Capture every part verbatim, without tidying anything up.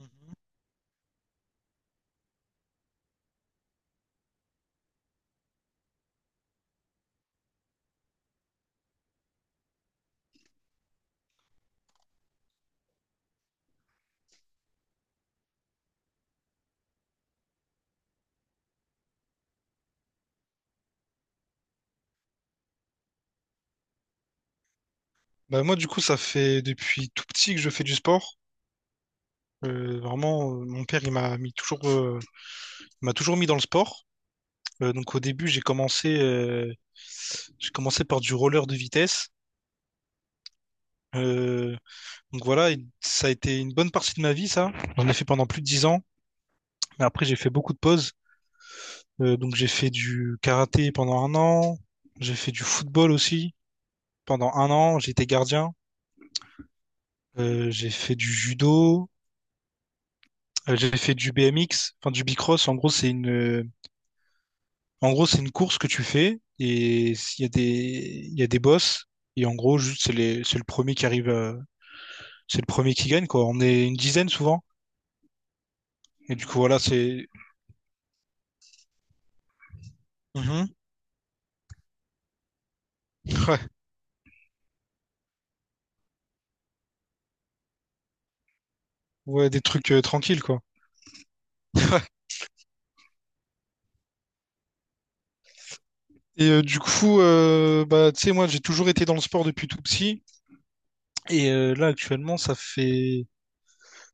Mhm. Bah moi du coup ça fait depuis tout petit que je fais du sport. Euh, vraiment, euh, mon père il m'a mis toujours, euh, il m'a toujours mis dans le sport. Euh, donc au début j'ai commencé, euh, j'ai commencé par du roller de vitesse. Euh, donc voilà, et ça a été une bonne partie de ma vie ça. J'en ai fait pendant plus de dix ans. Mais après j'ai fait beaucoup de pauses. Euh, donc j'ai fait du karaté pendant un an. J'ai fait du football aussi pendant un an. J'ai été gardien. Euh, j'ai fait du judo. Euh, j'ai fait du B M X, enfin du bicross. En gros, c'est une, euh, en gros, c'est une course que tu fais et il y a des, il y a des boss. Et en gros, juste, c'est les, c'est le premier qui arrive, à- c'est le premier qui gagne, quoi. On est une dizaine souvent. Et du coup, voilà, c'est, Mhm. Ouais, ouais, des trucs euh, tranquilles, quoi. Et euh, du coup, euh, bah, tu sais, moi, j'ai toujours été dans le sport depuis tout petit. Et euh, là, actuellement, ça fait,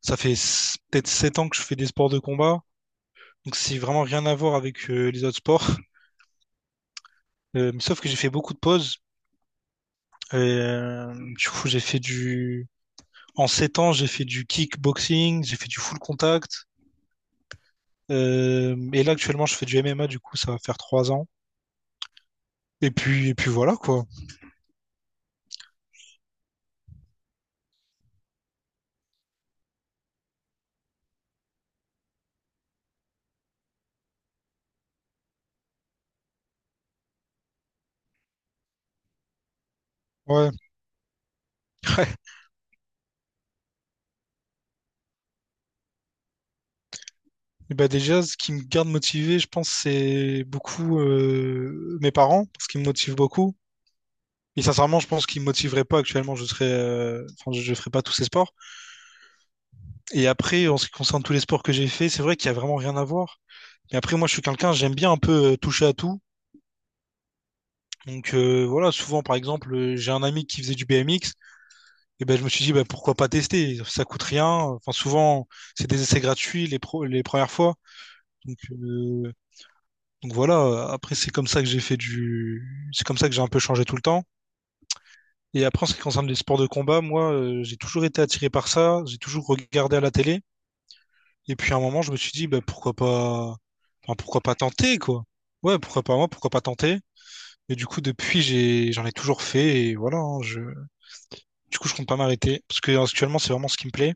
ça fait s- peut-être sept ans que je fais des sports de combat. Donc, c'est vraiment rien à voir avec euh, les autres sports. Euh, mais sauf que j'ai fait beaucoup de pauses. Et, euh, du coup, j'ai fait du. En sept ans, j'ai fait du kickboxing, j'ai fait du full contact. Euh, et là, actuellement, je fais du M M A, du coup, ça va faire trois ans. Et puis, et puis voilà, quoi. Ouais. Ouais. Et bah déjà, ce qui me garde motivé, je pense, c'est beaucoup euh, mes parents, parce qu'ils me motivent beaucoup. Et sincèrement, je pense qu'ils me motiveraient pas actuellement, je serais, euh, enfin, je, je ferais pas tous ces sports. Et après, en ce qui concerne tous les sports que j'ai fait, c'est vrai qu'il y a vraiment rien à voir. Mais après, moi, je suis quelqu'un, j'aime bien un peu euh, toucher à tout. Donc euh, voilà, souvent par exemple, euh, j'ai un ami qui faisait du B M X, et ben je me suis dit bah, pourquoi pas tester, ça coûte rien. Enfin souvent c'est des essais gratuits les pro- les premières fois. Donc euh, donc voilà, après c'est comme ça que j'ai fait du c'est comme ça que j'ai un peu changé tout le temps. Et après en ce qui concerne les sports de combat, moi euh, j'ai toujours été attiré par ça, j'ai toujours regardé à la télé et puis à un moment je me suis dit bah pourquoi pas enfin, pourquoi pas tenter quoi. Ouais, pourquoi pas moi, pourquoi pas tenter. Et du coup depuis j'ai j'en ai toujours fait et voilà, hein, je Du coup, je compte pas m'arrêter parce que actuellement, c'est vraiment ce qui me plaît.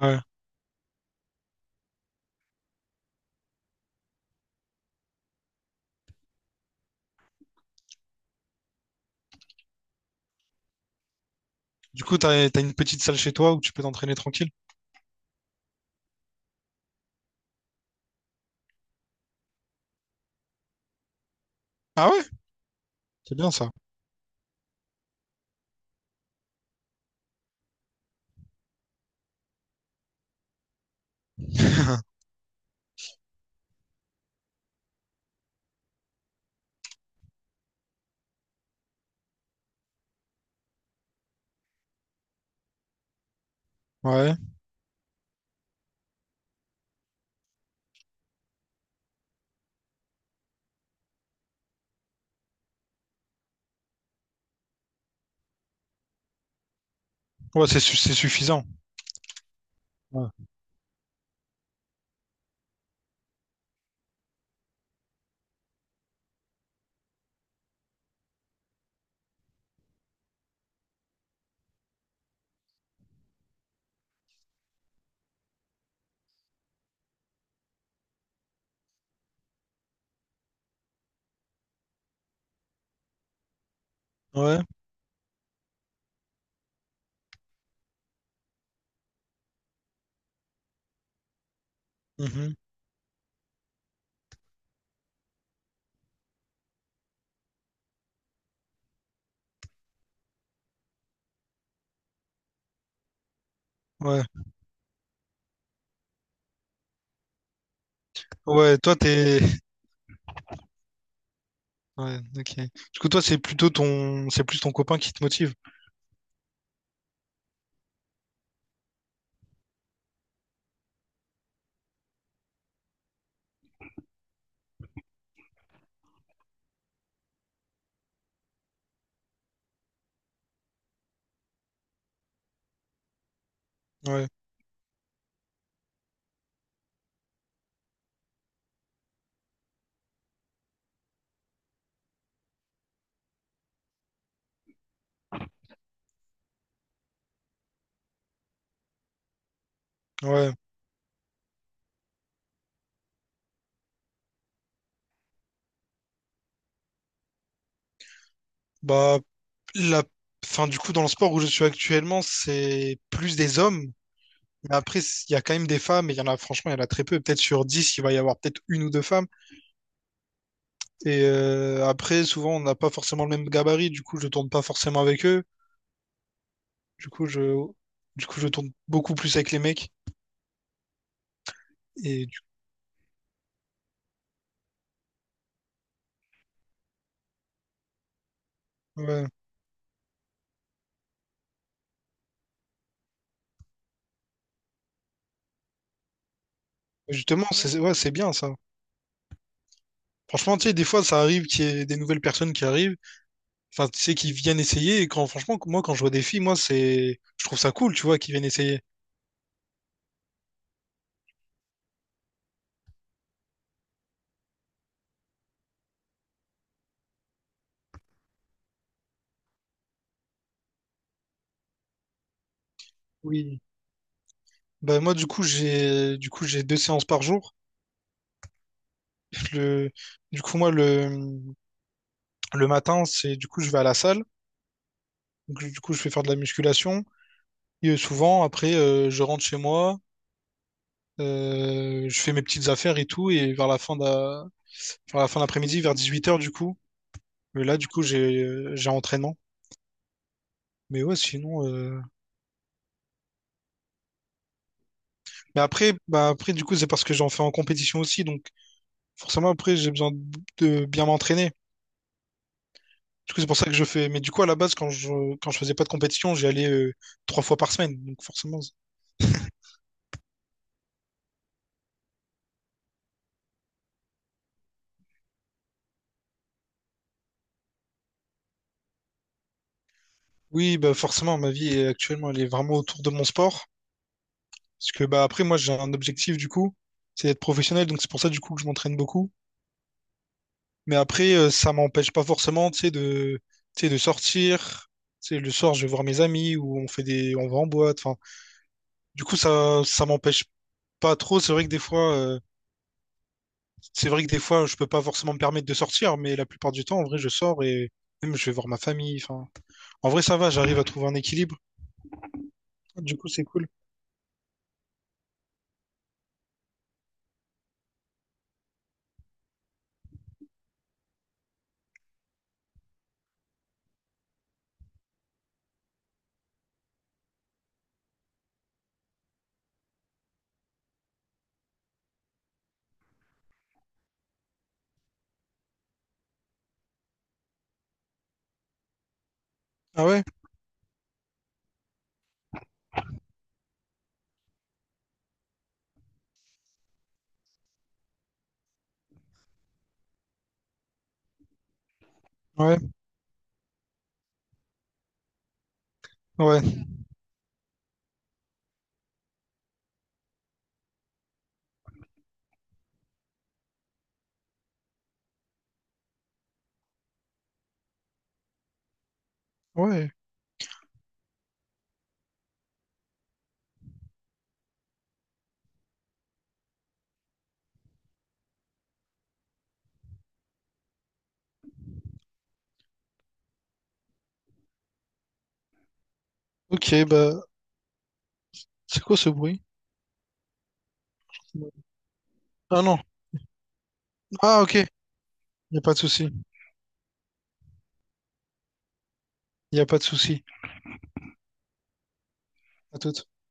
Ouais. Du coup, t'as, t'as une petite salle chez toi où tu peux t'entraîner tranquille. Ah ouais? C'est bien ça. Ouais. Ouais, c'est, su- c'est suffisant. Ouais. Ouais. Mhm. Ouais. Ouais, toi, t'es. Ouais, ok. Du coup, toi, c'est plutôt ton. C'est plus ton copain qui te motive. Ouais. Ouais. Bah, la. Enfin, du coup, dans le sport où je suis actuellement, c'est plus des hommes. Mais après, il y a quand même des femmes, et il y en a, franchement, il y en a très peu. Peut-être sur dix, il va y avoir peut-être une ou deux femmes. Et euh, après, souvent, on n'a pas forcément le même gabarit, du coup, je tourne pas forcément avec eux. Du coup, je, du coup, je tourne beaucoup plus avec les mecs. Et du coup, ouais. Justement, c'est ouais, c'est bien ça. Franchement, tu sais, des fois, ça arrive qu'il y ait des nouvelles personnes qui arrivent, enfin, tu sais, qui viennent essayer. Et quand, franchement, moi, quand je vois des filles, moi, c'est, je trouve ça cool, tu vois, qu'ils viennent essayer. Oui. Bah, moi, du coup, j'ai, du coup, j'ai deux séances par jour. Le, du coup, moi, le, le matin, c'est, du coup, je vais à la salle. Donc, du coup, je fais faire de la musculation. Et euh, souvent, après, euh, je rentre chez moi, euh, je fais mes petites affaires et tout, et vers la fin de vers la fin d'après-midi, vers dix-huit heures du coup, euh, là, du coup, j'ai euh, j'ai entraînement. Mais ouais, sinon... euh, Mais après, bah, après, du coup, c'est parce que j'en fais en compétition aussi, donc forcément, après, j'ai besoin de de bien m'entraîner. Du coup, c'est pour ça que je fais... Mais du coup, à la base, quand je, quand je faisais pas de compétition, j'y allais euh, trois fois par semaine, donc forcément... c'est- Oui, bah forcément, ma vie euh, actuellement, elle est vraiment autour de mon sport. Parce que bah après moi j'ai un objectif du coup, c'est d'être professionnel, donc c'est pour ça du coup que je m'entraîne beaucoup. Mais après euh, ça m'empêche pas forcément, tu sais, de, tu sais, de sortir. Tu sais, le soir je vais voir mes amis ou on fait des, on va en boîte. Enfin, du coup ça, ça m'empêche pas trop. C'est vrai que des fois, euh, c'est vrai que des fois je peux pas forcément me permettre de sortir, mais la plupart du temps en vrai je sors et même je vais voir ma famille. Enfin, en vrai ça va, j'arrive à trouver un équilibre. Du coup c'est cool. Ah ouais, ouais, ouais, ouais. Ok, bah c'est quoi ce bruit? Ah non. Ah ok. Il n'y a pas de souci. Il n'y a pas de souci. À toute.